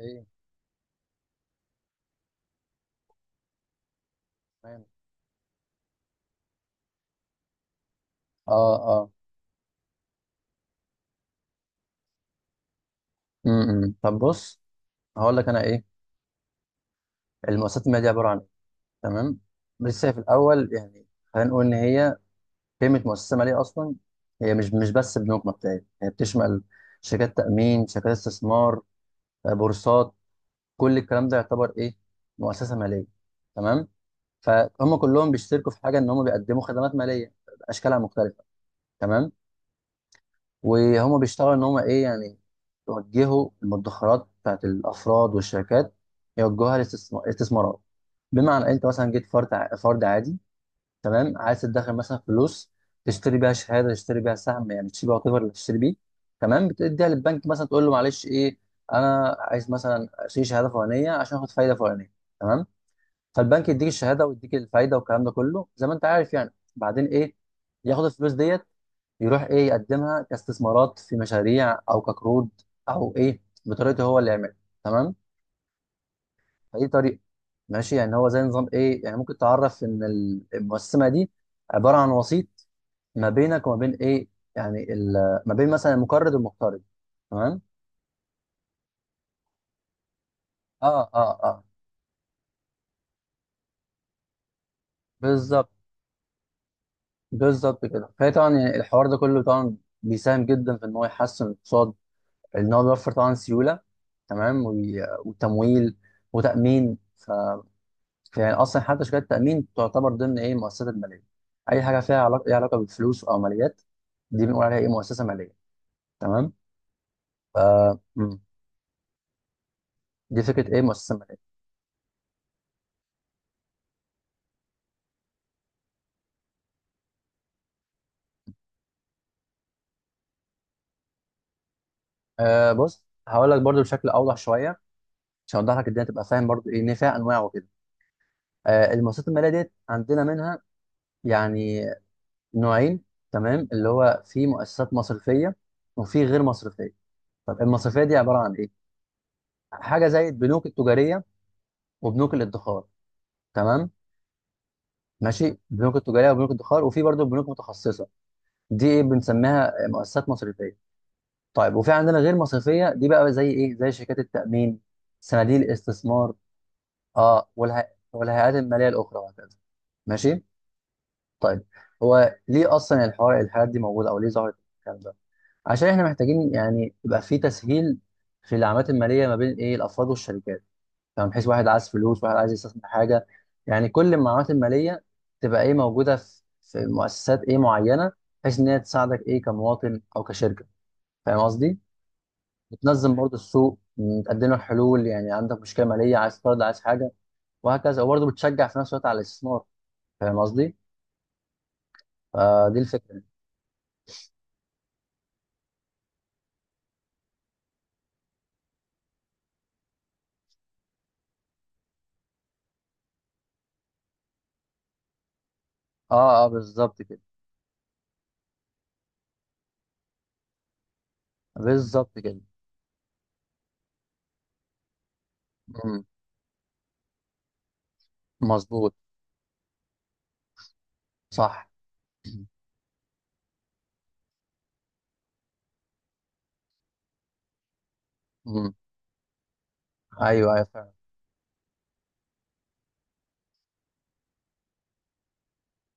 ايه. تمام. اه اه، طب بص، هقول لك انا ايه. المؤسسات الماليه دي عباره عن ايه؟ تمام، لسه هي في الاول يعني. خلينا نقول ان هي قيمه مؤسسه ماليه اصلا. هي مش بس بنوك مبدئيه، هي بتشمل شركات تامين، شركات استثمار، آه، بورصات. كل الكلام ده يعتبر ايه؟ مؤسسه ماليه. تمام. فهم كلهم بيشتركوا في حاجه ان هم بيقدموا خدمات ماليه باشكالها مختلفه. تمام. وهم بيشتغلوا ان هم ايه يعني، يوجهوا المدخرات بتاعت الافراد والشركات، يوجهوها للاستثمارات. بمعنى انت مثلا جيت فرد، فرد عادي. تمام، عايز تدخل مثلا فلوس، تشتري بيها شهاده، تشتري بيها سهم، يعني تشتري بيها whatever اللي تشتري بيه. تمام، بتديها للبنك مثلا، تقول له معلش ايه، انا عايز مثلا اشتري شهاده فلانيه عشان اخد فايده فلانيه. تمام. فالبنك يديك الشهاده ويديك الفايده، والكلام ده كله زي ما انت عارف يعني. بعدين ايه، ياخد الفلوس ديت، يروح ايه، يقدمها كاستثمارات في مشاريع او كقروض، او ايه بطريقته هو اللي يعملها. تمام. فايه طريقه ماشي، يعني هو زي نظام ايه. يعني ممكن تعرف ان المؤسسه دي عباره عن وسيط ما بينك وما بين ايه، يعني ما بين مثلا المقرض والمقترض. تمام. اه اه اه، بالظبط، بالظبط كده. فهي طبعا يعني الحوار ده كله طبعا بيساهم جدا في ان هو يحسن الاقتصاد، ان هو بيوفر طبعا سيوله، تمام، وتمويل وتامين. يعني اصلا حتى شركات التامين تعتبر ضمن ايه المؤسسات الماليه. اي حاجه فيها علاقه، ليها علاقه بالفلوس او ماليات، دي بنقول عليها ايه مؤسسه ماليه. تمام. ف مم. دي فكره ايه مؤسسه ماليه. آه بص، هقول لك برضو بشكل اوضح شويه عشان اوضح لك الدنيا، تبقى فاهم برضو ايه ان فيها انواع وكده. آه المؤسسات الماليه ديت عندنا منها يعني نوعين. تمام، اللي هو في مؤسسات مصرفيه وفي غير مصرفيه. طب المصرفيه دي عباره عن ايه؟ حاجه زي البنوك التجاريه وبنوك الادخار. تمام، ماشي، بنوك التجاريه وبنوك الادخار وفي برضه بنوك متخصصه. دي ايه بنسميها مؤسسات مصرفيه. طيب وفي عندنا غير مصرفيه، دي بقى زي ايه، زي شركات التامين، صناديق الاستثمار، اه، والهيئات الماليه الاخرى وهكذا. ماشي. طيب هو ليه اصلا الحوار الحاجات دي موجوده، او ليه ظهرت الكلام ده؟ عشان احنا محتاجين يعني يبقى في تسهيل في العمليات الماليه ما بين ايه الافراد والشركات. فاهم، بحيث واحد عايز فلوس، واحد عايز يستثمر حاجه. يعني كل المعلومات الماليه تبقى ايه موجوده في مؤسسات ايه معينه، بحيث ان هي تساعدك ايه كمواطن او كشركه. فاهم قصدي؟ بتنظم برضه السوق، تقدم لك حلول، يعني عندك مشكله ماليه، عايز تقرض، عايز حاجه، وهكذا. وبرضه بتشجع في نفس الوقت على الاستثمار. فاهم قصدي؟ فدي الفكره. اه اه، بالظبط كده، بالظبط كده. مم. مظبوط. صح. مم. ايوه ايوه فعلا.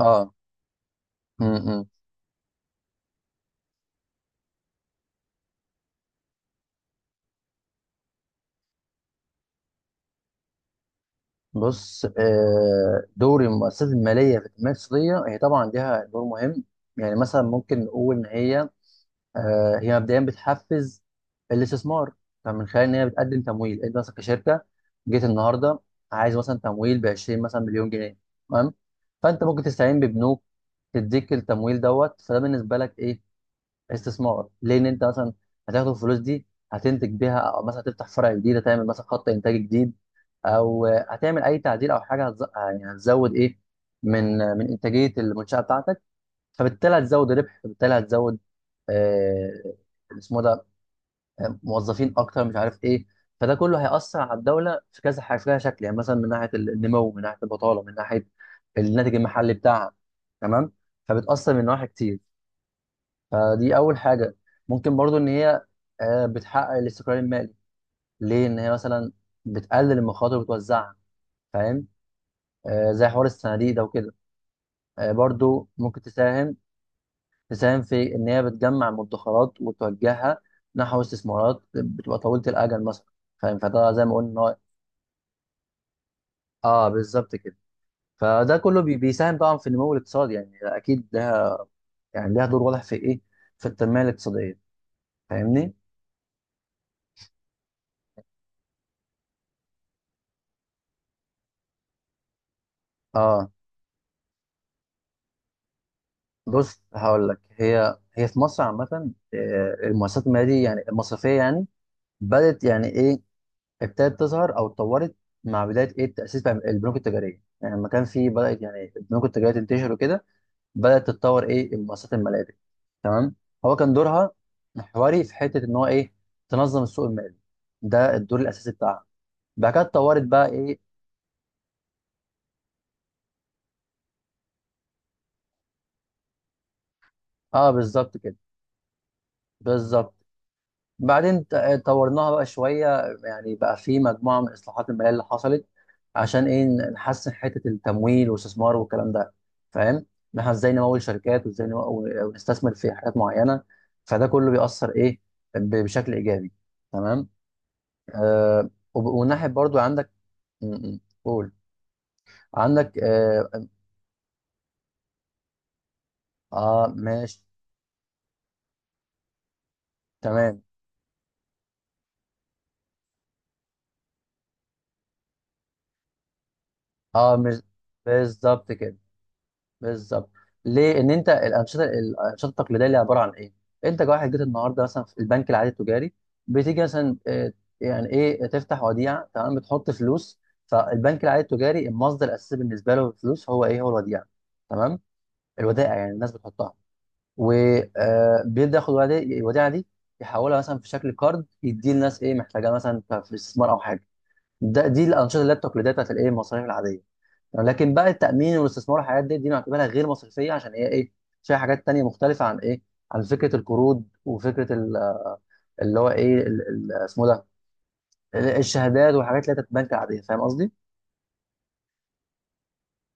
اه. مم. مم. بص، آه، دور المؤسسات المالية في التنمية الاقتصادية هي طبعا ليها دور مهم. يعني مثلا ممكن نقول إن هي آه، هي مبدئيا بتحفز الاستثمار، فمن خلال إن هي بتقدم تمويل. أنت مثلا كشركة جيت النهاردة، عايز مثلا تمويل ب 20 مثلا مليون جنيه. تمام، فأنت ممكن تستعين ببنوك تديك التمويل دوت. فده بالنسبة لك إيه؟ استثمار، ليه ان انت مثلا هتاخد الفلوس دي، هتنتج بيها، او مثلا هتفتح فرع جديد، هتعمل مثلا خط انتاج جديد، او هتعمل اي تعديل او حاجه يعني هتزود ايه، من انتاجيه المنشاه بتاعتك. فبالتالي هتزود ربح، فبالتالي هتزود آه... اسمه ده، آه، موظفين اكتر مش عارف ايه. فده كله هيأثر على الدوله في كذا حاجه، في كذا شكل، يعني مثلا من ناحيه النمو، من ناحيه البطاله، من ناحيه الناتج المحلي بتاعها. تمام. فبتأثر من نواحي كتير. فدي اول حاجه. ممكن برضو ان هي آه، بتحقق الاستقرار المالي، ليه ان هي مثلا بتقلل المخاطر وبتوزعها. فاهم؟ آه، زي حوار الصناديق ده وكده. آه، برضو ممكن تساهم، تساهم في ان هي بتجمع المدخرات وتوجهها نحو استثمارات بتبقى طويله الاجل مثلا. فاهم؟ فده زي ما قلنا إن اه بالظبط كده. فده كله بيساهم طبعا في النمو الاقتصادي يعني. اكيد ده يعني ليها دور واضح في ايه، في التنميه الاقتصاديه. فاهمني؟ اه بص، هقول لك، هي في مصر عامة، آه، المؤسسات المالية دي يعني المصرفية يعني بدأت يعني إيه، ابتدت تظهر أو اتطورت مع بداية إيه تأسيس بقى البنوك التجارية. يعني لما كان في بدأت يعني البنوك التجارية تنتشر وكده، بدأت تتطور إيه المؤسسات المالية دي. تمام. هو كان دورها محوري في حتة إن هو إيه، تنظم السوق المالي. ده الدور الأساسي بتاعها. بعد كده اتطورت بقى إيه، أه بالظبط كده، بالظبط. بعدين آه، طورناها بقى شويه، يعني بقى في مجموعه من اصلاحات الماليه اللي حصلت عشان ايه نحسن حته التمويل والاستثمار والكلام ده. فاهم؟ ان احنا ازاي نمول شركات، وازاي ونستثمر في حاجات معينه. فده كله بيأثر ايه، بشكل ايجابي. تمام. آه والناحيه برضو عندك. م- قول. عندك اه، آه ماشي، تمام. اه بالظبط كده، بالظبط. ليه ان انت الانشطه، التقليديه اللي عباره عن ايه، انت كواحد جيت النهارده مثلا في البنك العادي التجاري، بتيجي مثلا آه، يعني ايه، تفتح وديعه، تمام، بتحط فلوس. فالبنك العادي التجاري المصدر الاساسي بالنسبه له الفلوس هو ايه، هو الوديعه. تمام. الودائع يعني الناس بتحطها، وبيبدا ياخد الوديعه دي، يحولها مثلا في شكل كارد، يديه للناس ايه محتاجاه مثلا في الاستثمار او حاجه. دي الانشطه اللي هي التقليديه بتاعت الايه المصاريف العاديه. لكن بقى التأمين والاستثمار والحاجات دي، دي نعتبرها غير مصرفية عشان هي ايه، فيها حاجات تانية مختلفة عن ايه، عن فكرة القروض وفكرة اللي هو ايه اسمه ده، الشهادات وحاجات اللي هي بتتبنك عادية. فاهم قصدي؟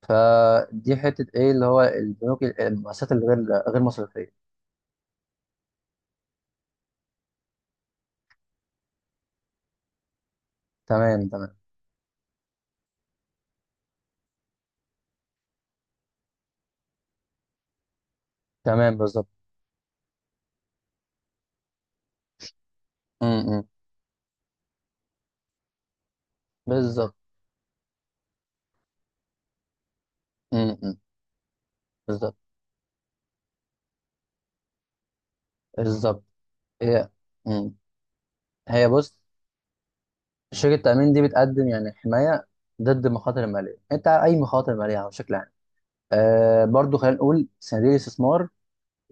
فدي حتة ايه، اللي هو البنوك المؤسسات غير مصرفية. تمام تمام تمام، بالظبط. م- م. بالظبط. م- م. بالظبط، بالظبط. هي م. هي بص، شركة التأمين دي بتقدم يعني حماية ضد المخاطر المالية، انت اي مخاطر مالية بشكل. آه برضو، خلينا نقول صناديق الاستثمار.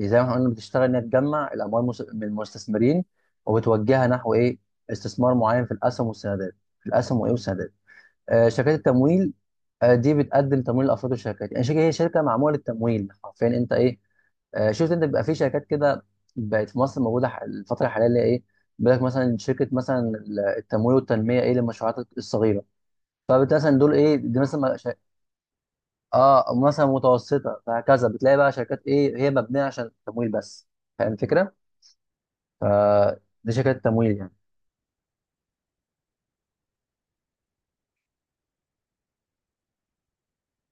إيه، زي ما احنا قلنا بتشتغل انها تجمع الاموال، من المستثمرين وبتوجهها نحو ايه، استثمار معين في الاسهم والسندات، في الاسهم وايه، والسندات. آه شركات التمويل، آه دي بتقدم تمويل لافراد الشركات. يعني شركه، هي شركه معموله للتمويل حرفيا، انت ايه. آه شفت انت بيبقى في شركات كده، بقت في مصر موجوده، الفتره الحاليه اللي هي ايه، بيقول لك مثلا شركه مثلا التمويل والتنميه ايه للمشروعات الصغيره. فبالتالي مثلا دول ايه، دي مثلا اه مثلا متوسطه، فهكذا بتلاقي بقى شركات ايه هي مبنيه عشان التمويل بس. فاهم الفكره؟ فدي شركات تمويل يعني.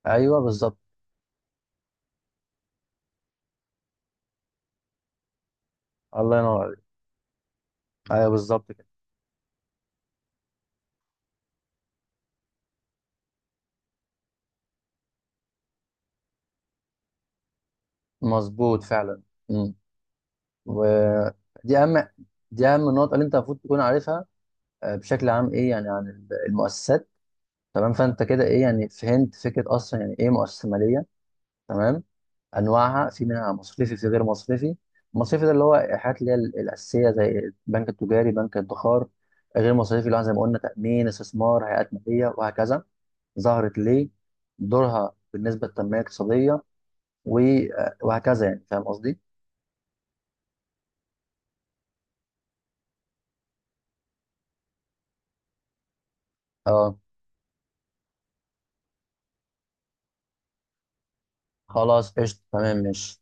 ايوه بالظبط. الله ينور عليك. ايوه بالظبط كده. مظبوط فعلا. امم ودي اهم دي اهم النقط اللي انت المفروض تكون عارفها آه، بشكل عام ايه يعني عن المؤسسات. تمام. فانت كده ايه يعني، فهمت فكره اصلا يعني ايه مؤسسه ماليه. تمام. انواعها، في منها مصرفي، في غير مصرفي. المصرفي ده اللي هو الحاجات اللي هي الاساسيه زي البنك التجاري، بنك الادخار. غير مصرفي اللي هو زي ما قلنا تامين، استثمار، هيئات ماليه وهكذا. ظهرت ليه، دورها بالنسبه للتنميه الاقتصاديه و- وهكذا يعني. فاهم قصدي؟ اه خلاص قشطه، تمام، ماشي.